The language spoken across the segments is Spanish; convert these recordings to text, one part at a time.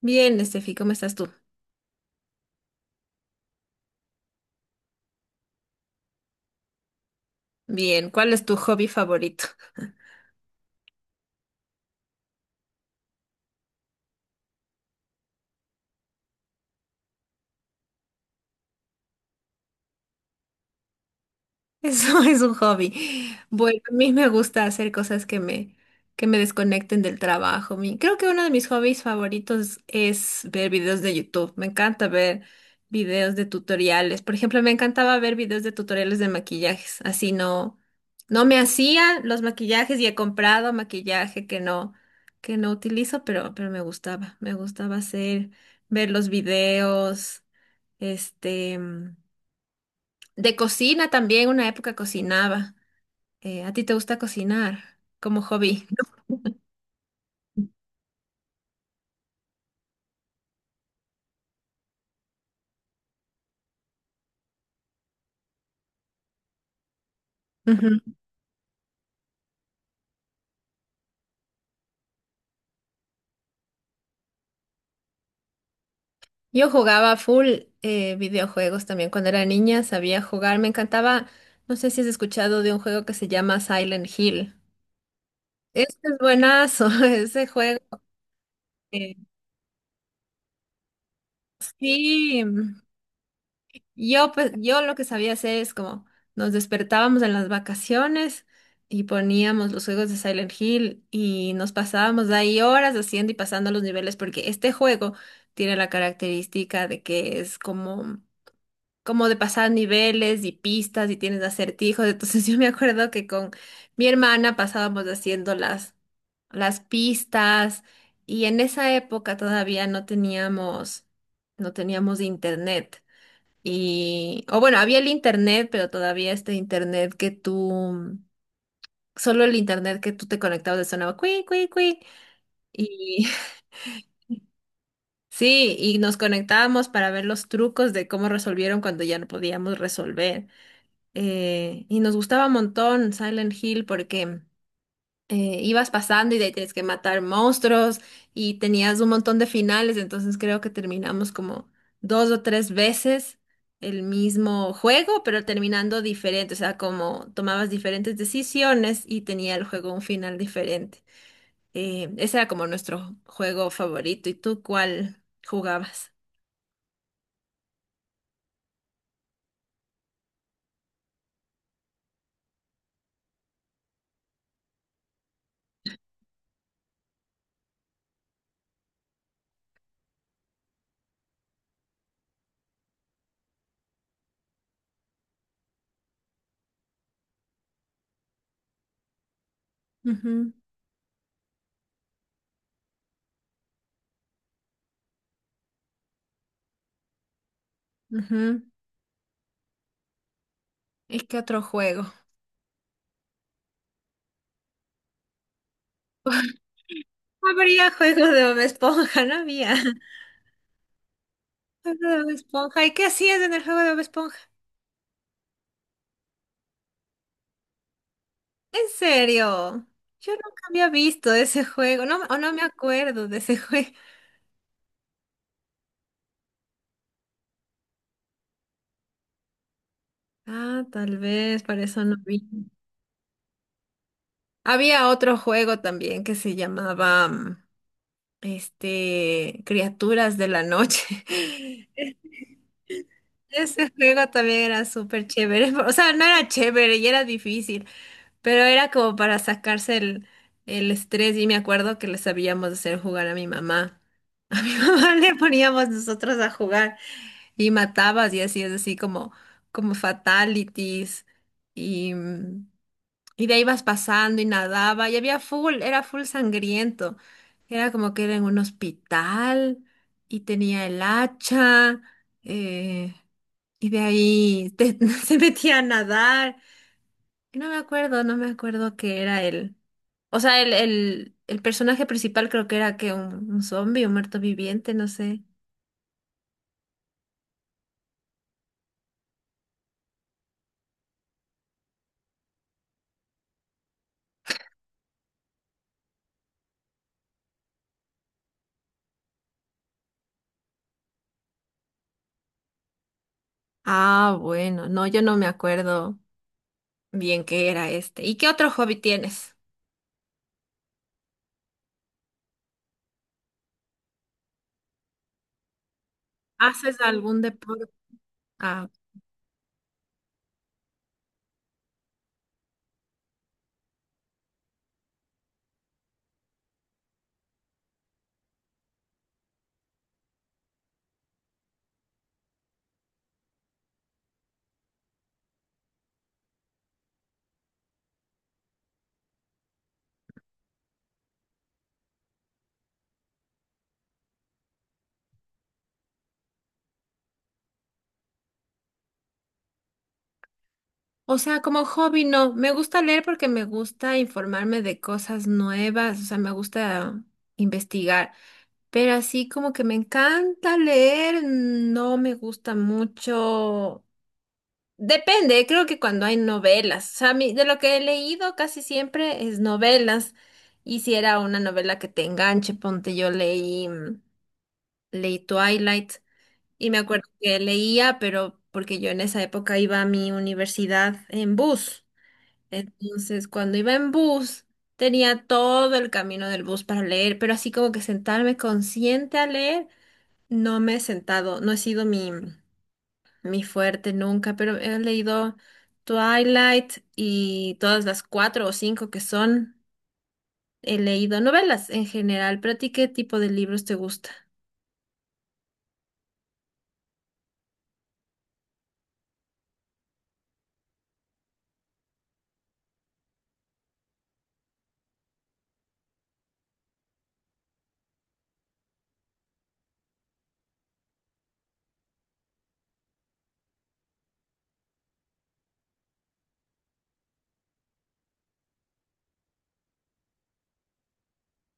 Bien, Estefi, ¿cómo estás tú? Bien, ¿cuál es tu hobby favorito? Eso es un hobby. Bueno, a mí me gusta hacer cosas que me desconecten del trabajo. Mi, creo que uno de mis hobbies favoritos es ver videos de YouTube. Me encanta ver videos de tutoriales. Por ejemplo, me encantaba ver videos de tutoriales de maquillajes. Así no, No me hacía los maquillajes y he comprado maquillaje que no utilizo, pero me gustaba. Ver los videos. Este, mm, de cocina también, una época cocinaba. ¿A ti te gusta cocinar como hobby? Ujú. Yo jugaba full videojuegos también cuando era niña, sabía jugar, me encantaba, no sé si has escuchado de un juego que se llama Silent Hill. Este es buenazo, ese juego. eh, sí. Yo, pues, yo lo que sabía hacer es como nos despertábamos en las vacaciones y poníamos los juegos de Silent Hill y nos pasábamos de ahí horas haciendo y pasando los niveles porque este juego tiene la característica de que es como de pasar niveles y pistas y tienes acertijos. Entonces yo me acuerdo que con mi hermana pasábamos haciendo las pistas y en esa época todavía no teníamos, no teníamos internet. Y, o bueno, había el internet, pero todavía este internet solo el internet que tú te conectabas le sonaba cuí, cuí, cuí. Y sí, y nos conectábamos para ver los trucos de cómo resolvieron cuando ya no podíamos resolver. Y nos gustaba un montón Silent Hill porque ibas pasando y de ahí tienes que matar monstruos y tenías un montón de finales, entonces creo que terminamos como dos o tres veces el mismo juego, pero terminando diferente, o sea, como tomabas diferentes decisiones y tenía el juego un final diferente. Ese era como nuestro juego favorito. ¿Y tú cuál jugabas? Ujú, ujú. ¿Y qué otro juego? No habría juego de Bob Esponja, no había. Juego de Bob Esponja. ¿Y qué hacías en el juego de Bob Esponja? ¿En serio? Yo nunca había visto ese juego, no, o no me acuerdo de ese juego. Ah, tal vez, para eso no vi. Había otro juego también que se Criaturas de la Noche. Ese juego también era súper chévere, o sea, no era chévere y era difícil, pero era como para sacarse el estrés y me acuerdo que le sabíamos hacer jugar a mi mamá. A mi mamá le poníamos nosotros a jugar. Y matabas y hacías así como fatalities. Y, mm, y de ahí ibas pasando y nadaba. Y había full, era full sangriento. Era como que era en un hospital y tenía el hacha. eh, y de ahí se metía a nadar. Y no me acuerdo qué era él. O sea, el personaje principal creo que era un zombie, un muerto viviente, no sé. Ah, bueno, no, yo no me acuerdo. Bien que era este. ¿Y qué otro hobby tienes? ¿Haces algún deporte? Ah, o sea, como hobby no. Me gusta leer porque me gusta informarme de cosas nuevas, o sea, me gusta investigar. Pero así como que me encanta leer, no me gusta mucho. Depende, creo que cuando hay novelas. O sea, a mí- de lo que he leído casi siempre es novelas. Y si era una novela que te enganche, ponte, leí Twilight. Y me acuerdo que leía, pero porque yo en esa época iba a mi universidad en bus. Entonces, cuando iba en bus, tenía todo el camino del bus para leer, pero así como que sentarme consciente a leer, no he sido mi fuerte nunca, pero he leído Twilight y todas las cuatro o cinco que son, he leído novelas en general, pero ¿a ti qué tipo de libros te gusta?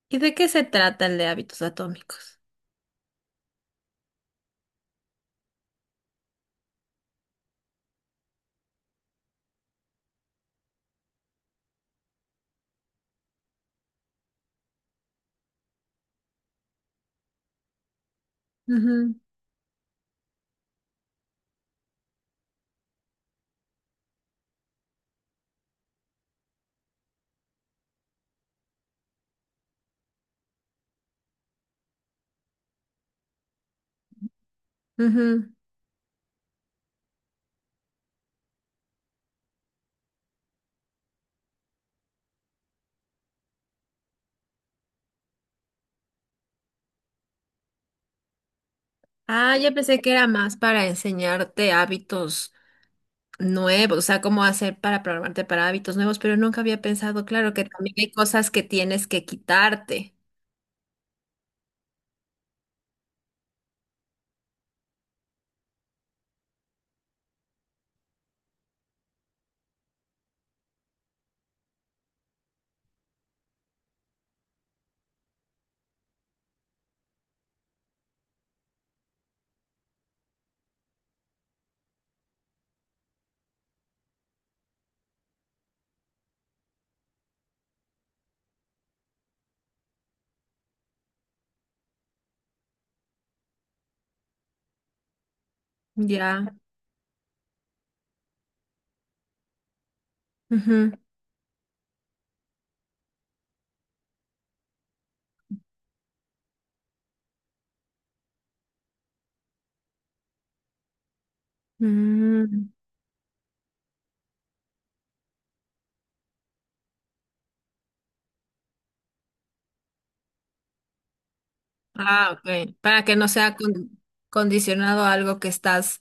¿Y de qué se trata el de hábitos atómicos? Ujú, ujú. Ah, yo pensé que era más para enseñarte hábitos nuevos, o sea, cómo hacer para programarte para hábitos nuevos, pero nunca había pensado, claro, que también hay cosas que tienes que quitarte. Ya. Ujú. Mm. Ah, ok. Para que no sea condicionado a algo que estás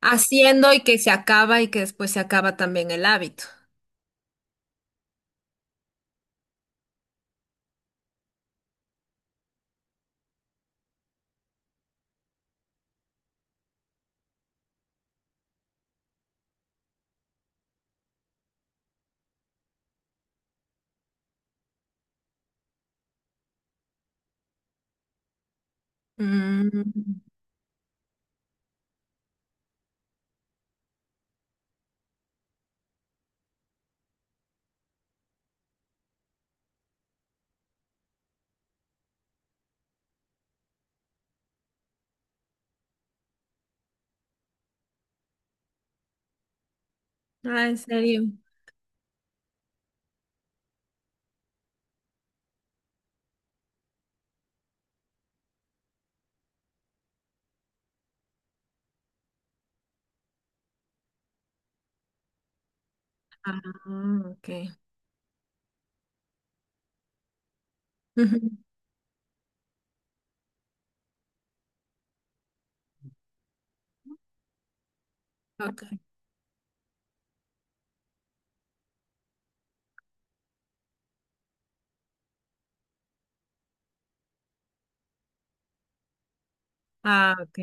haciendo y que se acaba y que después se acaba también el hábito. Mm. Ah, ¿en serio? Ah, ok. Ujú. Ok. Ah, ok.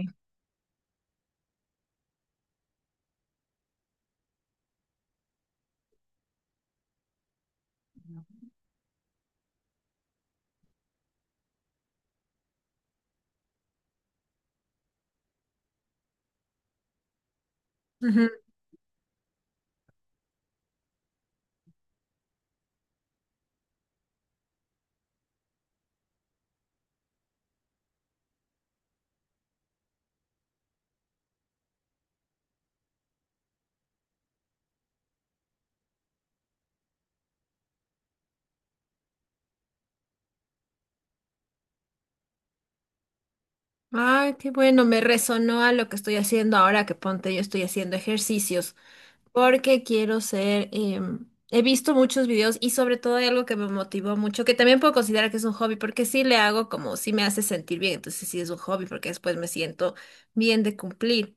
Ay, qué bueno, me resonó a lo que estoy haciendo ahora que ponte, yo estoy haciendo ejercicios porque quiero ser, he visto muchos videos y sobre todo hay algo que me motivó mucho, que también puedo considerar que es un hobby porque sí le hago como sí me hace sentir bien, entonces sí es un hobby porque después me siento bien de cumplir.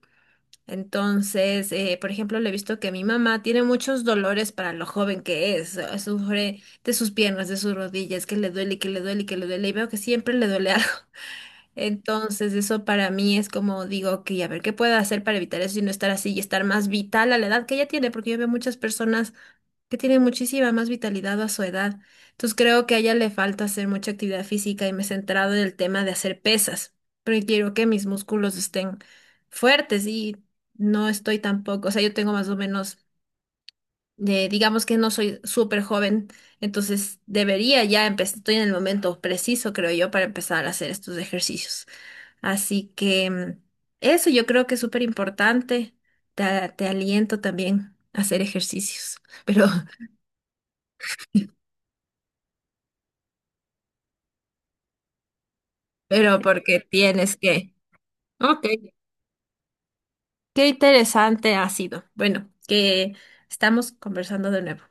Entonces, por ejemplo, le he visto que mi mamá tiene muchos dolores para lo joven que es, sufre de sus piernas, de sus rodillas, que le duele, que le duele, que le duele y veo que siempre le duele algo. Entonces, eso para mí es como digo, que a ver, ¿qué puedo hacer para evitar eso y no estar así y estar más vital a la edad que ella tiene? Porque yo veo muchas personas que tienen muchísima más vitalidad a su edad. Entonces, creo que a ella le falta hacer mucha actividad física y me he centrado en el tema de hacer pesas, porque quiero que mis músculos estén fuertes y no estoy tampoco, o sea, yo tengo más o menos, digamos que no soy súper joven, entonces debería ya empezar, estoy en el momento preciso, creo yo, para empezar a hacer estos ejercicios. Así que mm, Eso yo creo que es súper importante. Te, Te aliento también a hacer ejercicios, pero, pero porque tienes que. Ok, qué interesante ha sido. Bueno, que estamos conversando de nuevo.